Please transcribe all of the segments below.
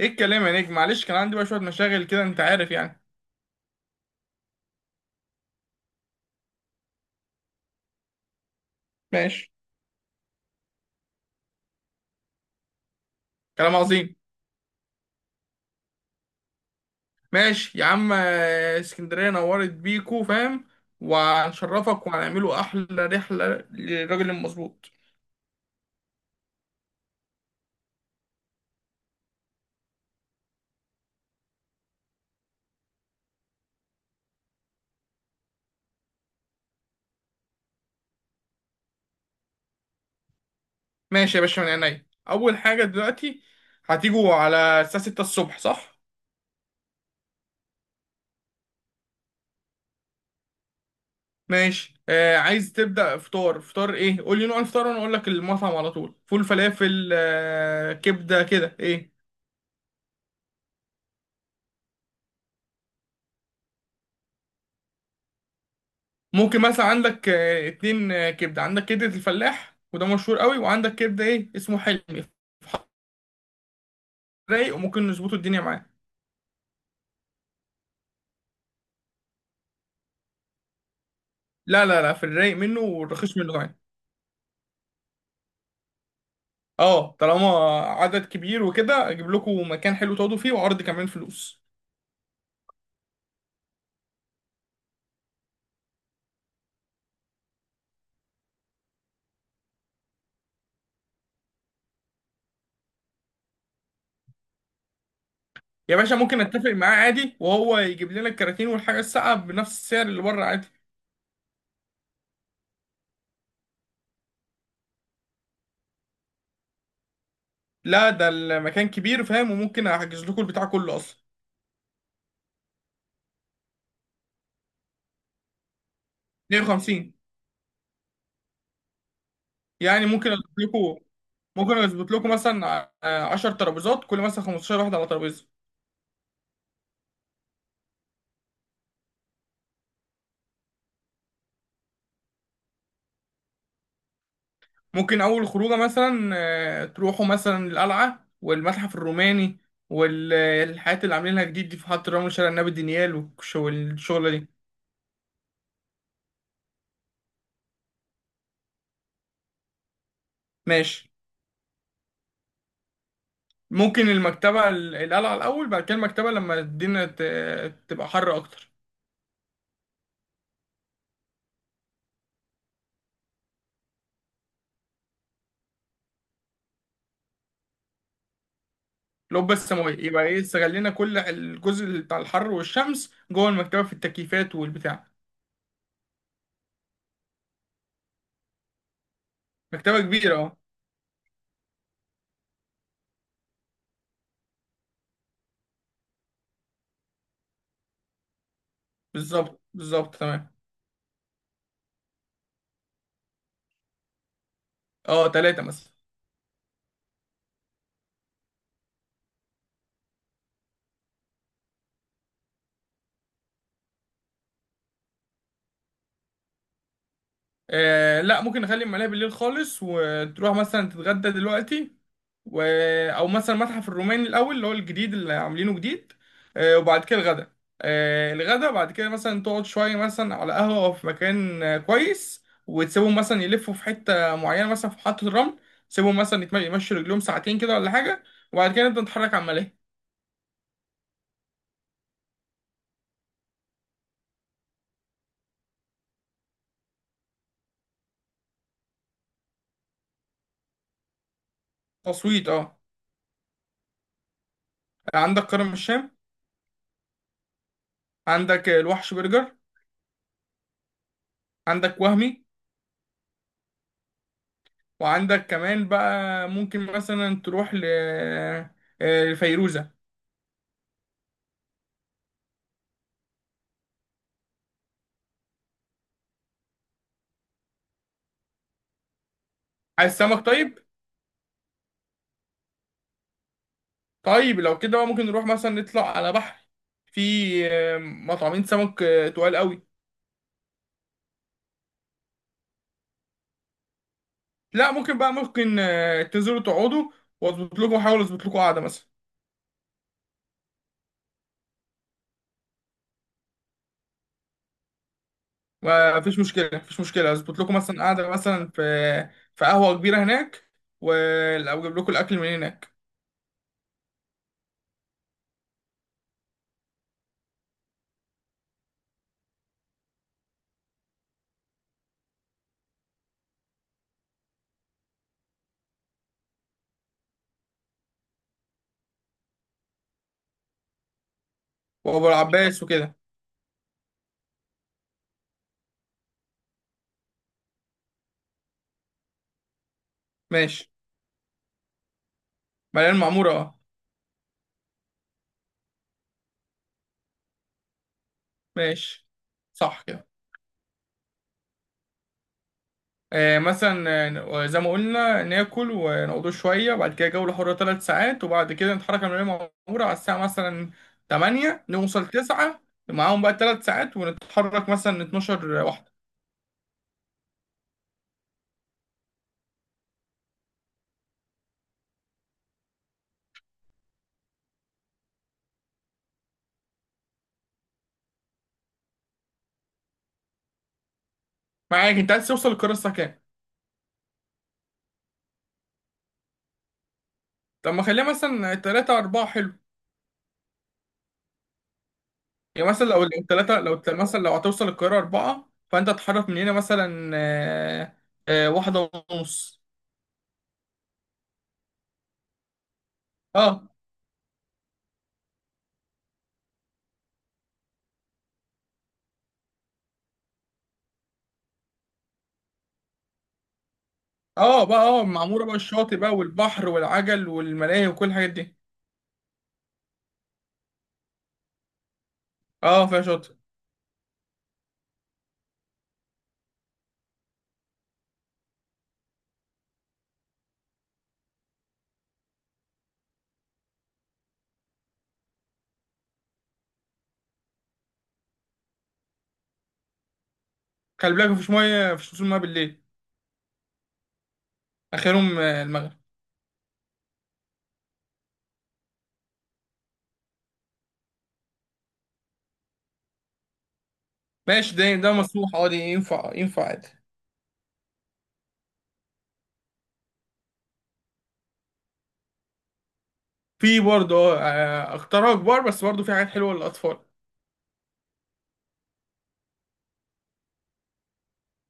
ايه الكلام يا نجم، معلش كان عندي بقى شويه مشاغل كده، انت عارف يعني. ماشي. كلام عظيم. ماشي يا عم. اسكندريه نورت بيكو، فاهم. وهنشرفك وهنعمله احلى رحله للراجل المظبوط. ماشي يا باشا، من عينيا. اول حاجه دلوقتي هتيجوا على الساعه 6 الصبح، صح؟ ماشي. عايز تبدا فطار؟ فطار ايه؟ قول لي نوع الفطار وانا اقول لك المطعم على طول. فول، فلافل، كبده، كده ايه؟ ممكن مثلا عندك اتنين، كبده. عندك كبده الفلاح وده مشهور قوي، وعندك كبده ايه اسمه، حلمي رايق، وممكن نظبطه الدنيا معاه. لا لا لا، في الرايق منه والرخيص منه كمان. اه طالما عدد كبير وكده، اجيب لكم مكان حلو تقعدوا فيه وعرض كمان فلوس. يا باشا ممكن اتفق معاه عادي وهو يجيب لنا الكراتين والحاجه الساقعه بنفس السعر اللي بره عادي. لا، ده المكان كبير فاهم، وممكن احجز لكم البتاع كله اصلا. 150. يعني ممكن اجيب لكم، ممكن اظبط لكم مثلا 10 ترابيزات، كل مثلا 15 واحد على ترابيزه. ممكن اول خروجه مثلا تروحوا مثلا القلعه والمتحف الروماني والحاجات اللي عاملينها جديد دي في محطه رمل، شارع النبي دانيال، والشغله دي. ماشي. ممكن المكتبه القلعه الاول، بعد كده المكتبه لما الدنيا تبقى حر اكتر. لو بس ما يبقى ايه، استغلينا كل الجزء بتاع الحر والشمس جوه المكتبه في التكييفات والبتاع. مكتبه كبيره. بالظبط بالظبط، تمام. اه تلاتة مثلا. آه لا، ممكن نخلي الملاهي بالليل خالص، وتروح مثلا تتغدى دلوقتي. و... آه، او مثلا متحف الروماني الاول اللي هو الجديد اللي عاملينه جديد، آه. وبعد كده الغدا. آه، الغدا بعد كده مثلا تقعد شوية مثلا على قهوة أو في مكان كويس، وتسيبهم مثلا يلفوا في حتة معينة مثلا في محطة الرمل. تسيبهم مثلا يمشوا رجلهم ساعتين كده ولا حاجة. وبعد كده نبدأ نتحرك على الملاهي. تصويت، اه. عندك كرم الشام. عندك الوحش برجر. عندك وهمي. وعندك كمان بقى، ممكن مثلا تروح ل فيروزة. عايز سمك؟ طيب. طيب لو كده بقى، ممكن نروح مثلا نطلع على بحر. في مطعمين سمك تقال قوي. لا، ممكن بقى، ممكن تنزلوا تقعدوا، واظبط لكم، احاول اظبط لكم قعده مثلا. ما فيش مشكله مفيش مشكله، اظبط لكم مثلا قعده مثلا في، في قهوه كبيره هناك، و- او اجيب لكم الاكل من هناك. وابو العباس وكده. ماشي. مليان معموره، اه. ماشي. صح كده. مثلا، زي ما قلنا، ناكل ونقعدوا شوية، وبعد كده جولة حرة ثلاث ساعات، وبعد كده نتحرك من المدينة المعمورة على الساعة مثلا 8، نوصل 9. معاهم بقى ثلاث ساعات، ونتحرك مثلا 12 واحدة. معاك. انت عايز توصل القاهرة الساعة كام؟ طب ما خليها مثلا 3، 4، حلو. يعني مثلا، لو 3، مثلا لو هتوصل القاهرة 4، فانت تتحرك من هنا مثلا واحدة ونص. اه. اه بقى، اه المعمورة بقى الشاطئ بقى، والبحر والعجل والملاهي وكل الحاجات دي. اه فيها شاطئ. خلي بالك مفيش ميه، مفيش وصول ميه بالليل. اخرهم المغرب. ماشي. ده مسموح عادي، ينفع ينفع عادي. في برضه اختراع كبار بس، برضه في حاجات حلوه للاطفال.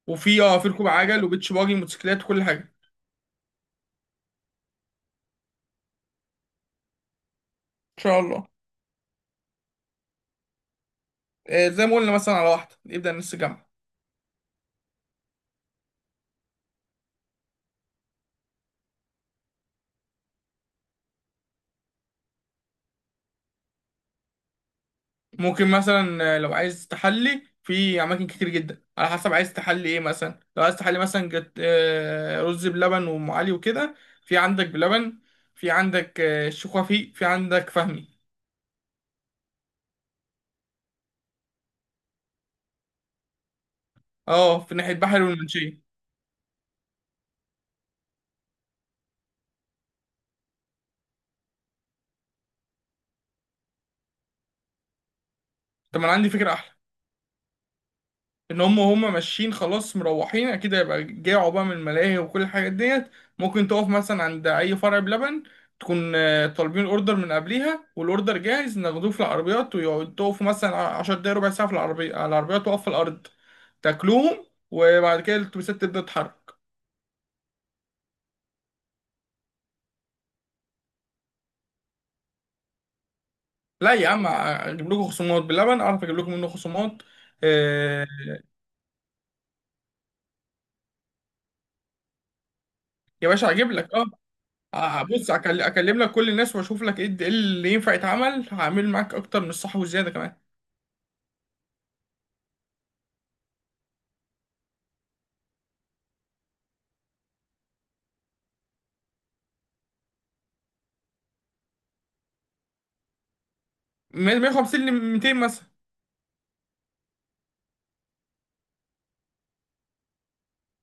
وفي اه في ركوب عجل وبيتش باجي موتوسيكلات وكل حاجه، ان شاء الله. زي ما قلنا، مثلا على واحده نبدا نص جامعه. ممكن مثلا لو عايز تحلي في اماكن كتير جدا، على حسب عايز تحلي ايه. مثلا لو عايز تحلي مثلا جت رز بلبن وام علي وكده، في عندك بلبن، في عندك الشيخ وفيق، في عندك فهمي. اه في ناحية بحري والمنشية. طب ما انا عندي فكرة احلى. ان هم ماشيين خلاص مروحين، اكيد هيبقى جاعوا بقى من الملاهي وكل الحاجات ديت. ممكن تقف مثلا عند اي فرع بلبن، تكون طالبين اوردر من قبليها، والاوردر جاهز ناخدوه في العربيات، ويقعدوا تقفوا مثلا 10 دقايق ربع ساعة في العربية، على العربيات واقف في الارض، تاكلوهم، وبعد كده الاتوبيسات تبدأ تتحرك. لا يا عم، اجيب لكم خصومات. باللبن اعرف اجيب لكم منه خصومات، آه، يا باشا اجيب لك بص اكلم لك كل الناس واشوف لك ايه إيه اللي ينفع يتعمل. هعمل معاك اكتر من الصح والزياده كمان. 150 ل 200 مثلا.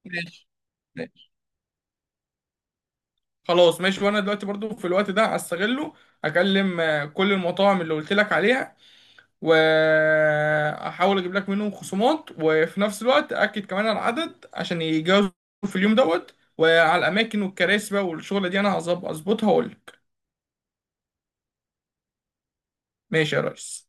ماشي ماشي. خلاص ماشي، وانا دلوقتي برضو في الوقت ده هستغله، اكلم كل المطاعم اللي قلت لك عليها، واحاول اجيب لك منهم خصومات، وفي نفس الوقت اكد كمان على العدد عشان يجازوا في اليوم دوت، وعلى الاماكن والكراسي بقى والشغله دي. انا هظبطها واقول لك. ماشي يا ريس.